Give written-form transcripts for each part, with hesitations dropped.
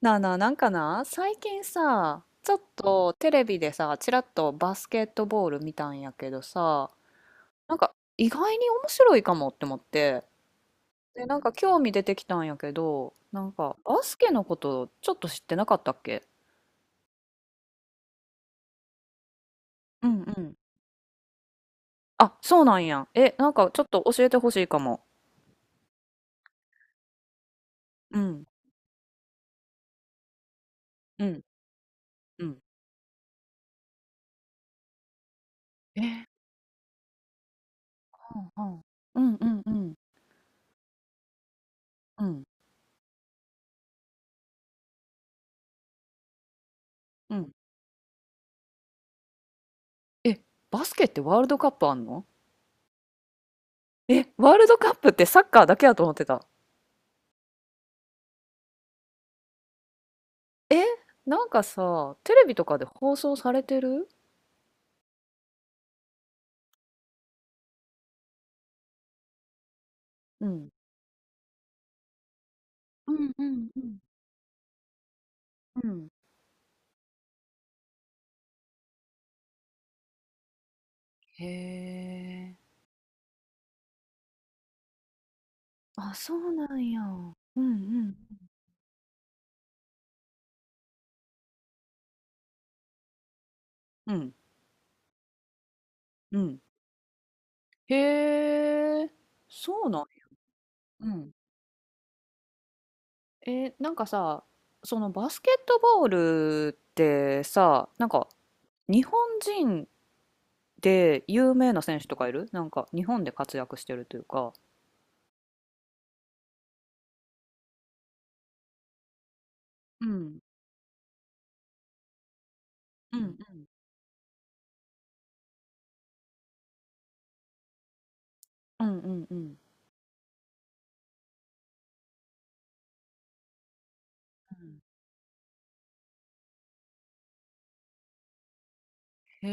なあなあ、なんかな、最近さ、ちょっとテレビでさ、ちらっとバスケットボール見たんやけどさ、なんか意外に面白いかもって思って、で、なんか興味出てきたんやけど、なんかバスケのことちょっと知ってなかったっけ。うんうん。あ、そうなんや。え、なんかちょっと教えてほしいかも。うん、うん、うん。え、うんうんうんうんうんうん。え、バスケってワールドカップあんの。え、ワールドカップってサッカーだけやと思ってた。え、なんかさ、テレビとかで放送されてる。うん。うんうんうん。うん。へえ。あ、そうなんや。うんうん。うん。うん。へえ。そうなんや。うん。え、なんかさ、そのバスケットボールってさ、なんか日本人で有名な選手とかいるなんか日本で活躍してるというか。うん。うんうん。うんうんうん。うん、へ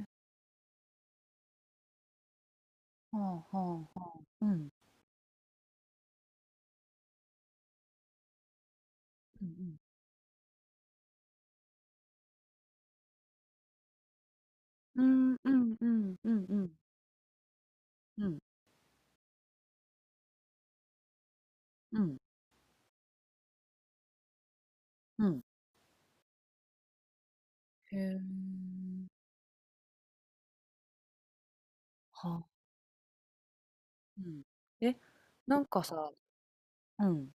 え。はあはあはあ。うん。うんうん。うん、うんうんうんうん。うん、うん、うん。へえ。はあ。うん。え、なんかさ。うん、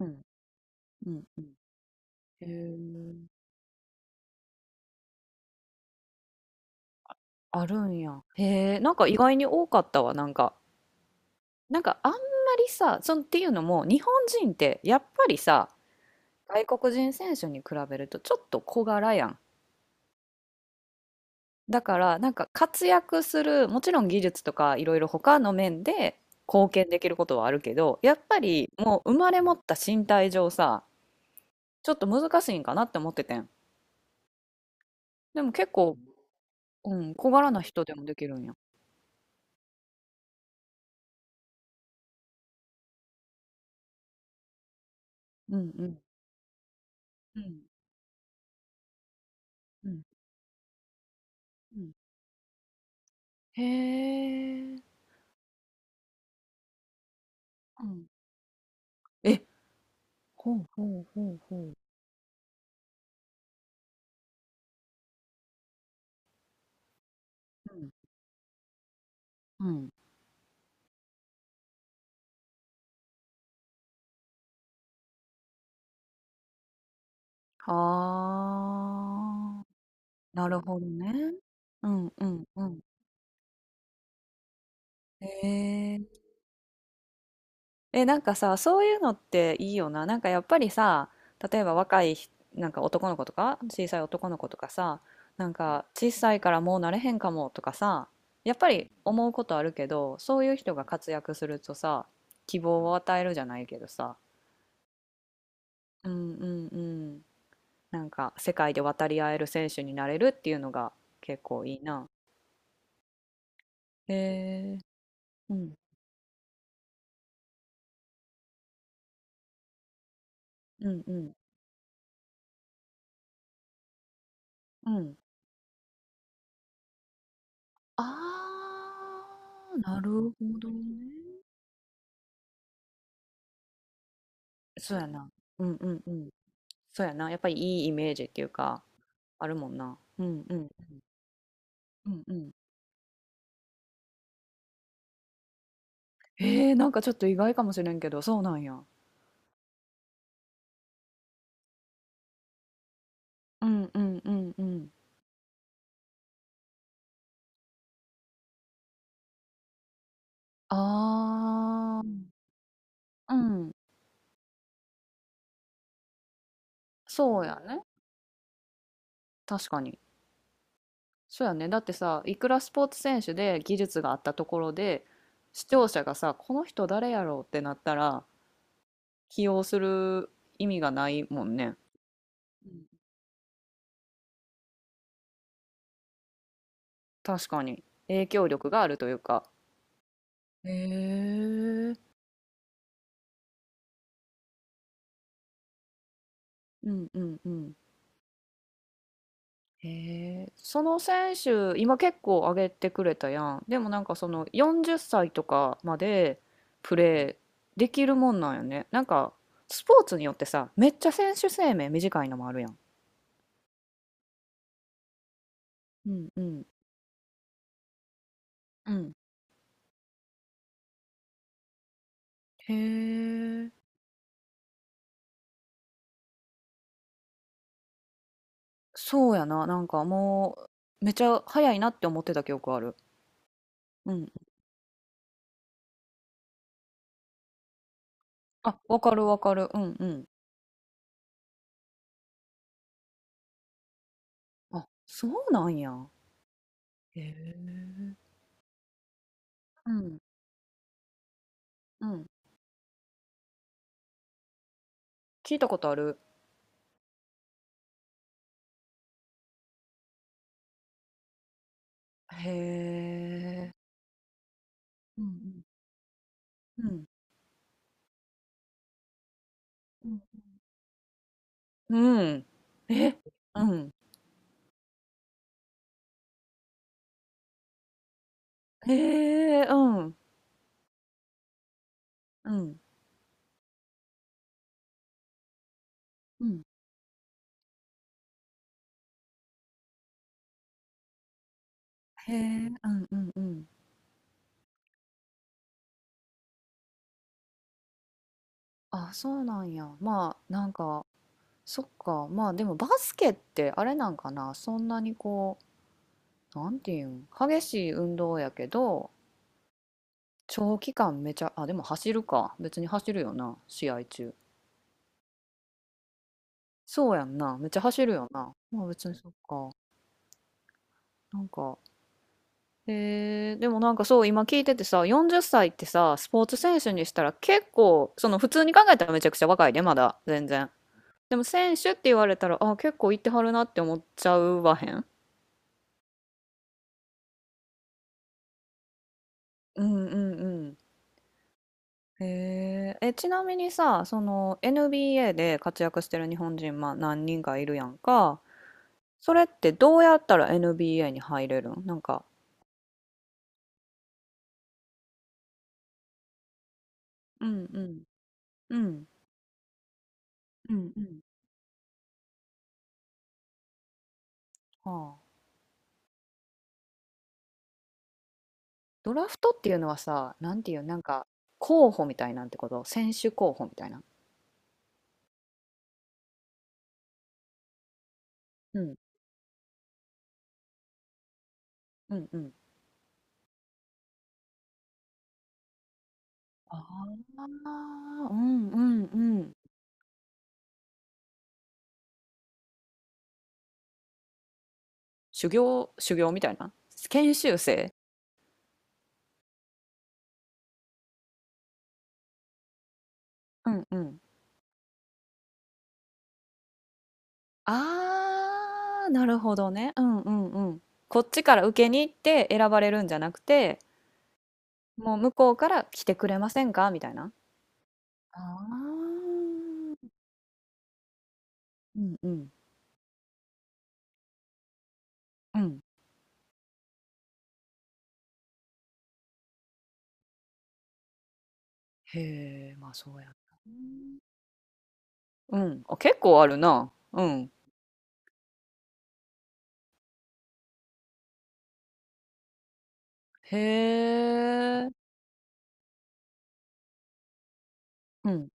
うん、うん、うん。へえ、あるんや。へえ、なんか意外に多かったわ、なんか。なんかあんまりさ、そんっていうのも、日本人ってやっぱりさ、外国人選手に比べるとちょっと小柄やん。だからなんか活躍するもちろん技術とかいろいろ他の面で貢献できることはあるけどやっぱりもう生まれ持った身体上さちょっと難しいんかなって思っててん。でも結構、うん、小柄な人でもできるんや。うんうんうんうんうん、へえ、うん、え、ほうほうほうほう、うんうん、はあ、なるほどね、うんうんうん、へえ。え、なんかさ、そういうのっていいよな。なんかやっぱりさ、例えば若いひ、なんか男の子とか、小さい男の子とかさ、なんか小さいからもうなれへんかもとかさ、やっぱり思うことあるけど、そういう人が活躍するとさ、希望を与えるじゃないけどさ。うんうんうん。なんか世界で渡り合える選手になれるっていうのが結構いいな。へえ、うん、うんうん、うん。あー、なるほどね。そうやな。うんうんうん。そうやな。やっぱりいいイメージっていうか、あるもんな。うんうん。うんうん。なんかちょっと意外かもしれんけど、そうなんや。うんうんうんうん。ああ、うん。そうやね。確かに。そうやね。だってさ、いくらスポーツ選手で技術があったところで、視聴者がさ、この人誰やろうってなったら、起用する意味がないもんね。うん、確かに。影響力があるというか。へえ、うんうんうん。へえ、その選手、今結構上げてくれたやん。でもなんかその40歳とかまでプレーできるもんなんよね。なんかスポーツによってさ、めっちゃ選手生命短いのもあるやん。うんうんうん。へえ、そうやな。なんかもうめちゃ早いなって思ってた記憶ある。うん。あ、わかるわかる。うんうん。あ、そうなんや。へえ。うんうん。聞いたことある。へえ。うんうん。うん。うん。うん。え、うん。へえ、うん。うん。うん。へえ、うんうんうん。あ、そうなんや。まあ、なんか、そっか。まあ、でもバスケってあれなんかな。そんなにこう、なんていうん、激しい運動やけど、長期間めちゃ、あ、でも走るか。別に走るよな、試合中。そうやんな。めっちゃ走るよな。まあ別にそっか。なんか、でもなんかそう今聞いててさ40歳っさいってさスポーツ選手にしたら結構その普通に考えたらめちゃくちゃ若いでまだ全然でも選手って言われたらあ結構行ってはるなって思っちゃうわへん。うんうんうん。へえ、えちなみにさその NBA で活躍してる日本人まあ何人かいるやんか、それってどうやったら NBA に入れるんなんか。うんうんうんうんうん、は。ドラフトっていうのはさ、なんていう、なんか、候補みたいなんてこと選手候補みたいな。うん。うんうん。ああ、うんうんうん。修行、修行みたいな。研修生。うんうん。ああ、なるほどね。うんうんうん。こっちから受けに行って選ばれるんじゃなくて、もう向こうから来てくれませんかみたいな。ああ、うんうんうん。へえ、まあそうやな。うん。あ、結構あるな。うん。へえ。うん。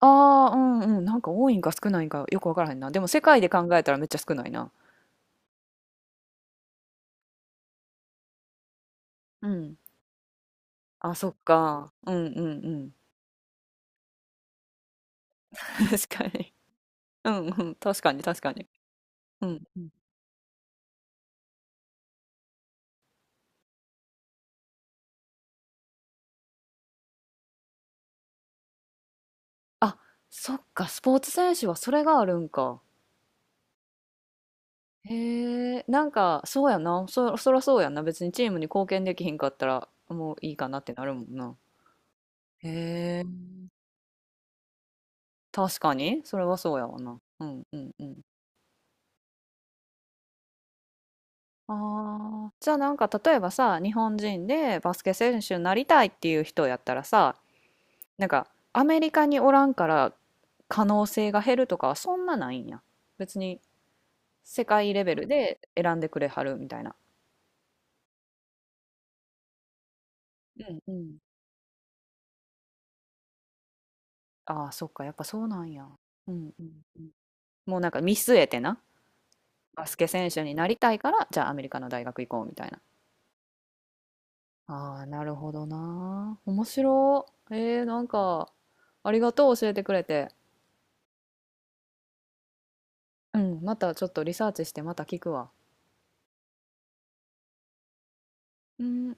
ああ、うんうん。なんか多いんか少ないんかよくわからへんな。でも世界で考えたらめっちゃ少ないな。うん。あ、そっか。うんうんうん。確かに。うんうん。確かに確かに。うんうん。あ、そっか。スポーツ選手はそれがあるんか。へえ。なんか、そうやな。そらそうやんな。別にチームに貢献できひんかったら、もういいかなってなるもんな。へえ。確かに。それはそうやわな。うんうんうん。ああ、じゃあなんか例えばさ、日本人でバスケ選手になりたいっていう人やったらさ、なんかアメリカにおらんから可能性が減るとかはそんなないんや。別に世界レベルで選んでくれはるみたいな。うんうん。ああ、そっか、やっぱそうなんや。うんうんうん。もうなんか見据えてな、バスケ選手になりたいから、じゃあアメリカの大学行こうみたいな。ああ、なるほどな。面白い。なんか、ありがとう、教えてくれて。うん、またちょっとリサーチしてまた聞くわ。うん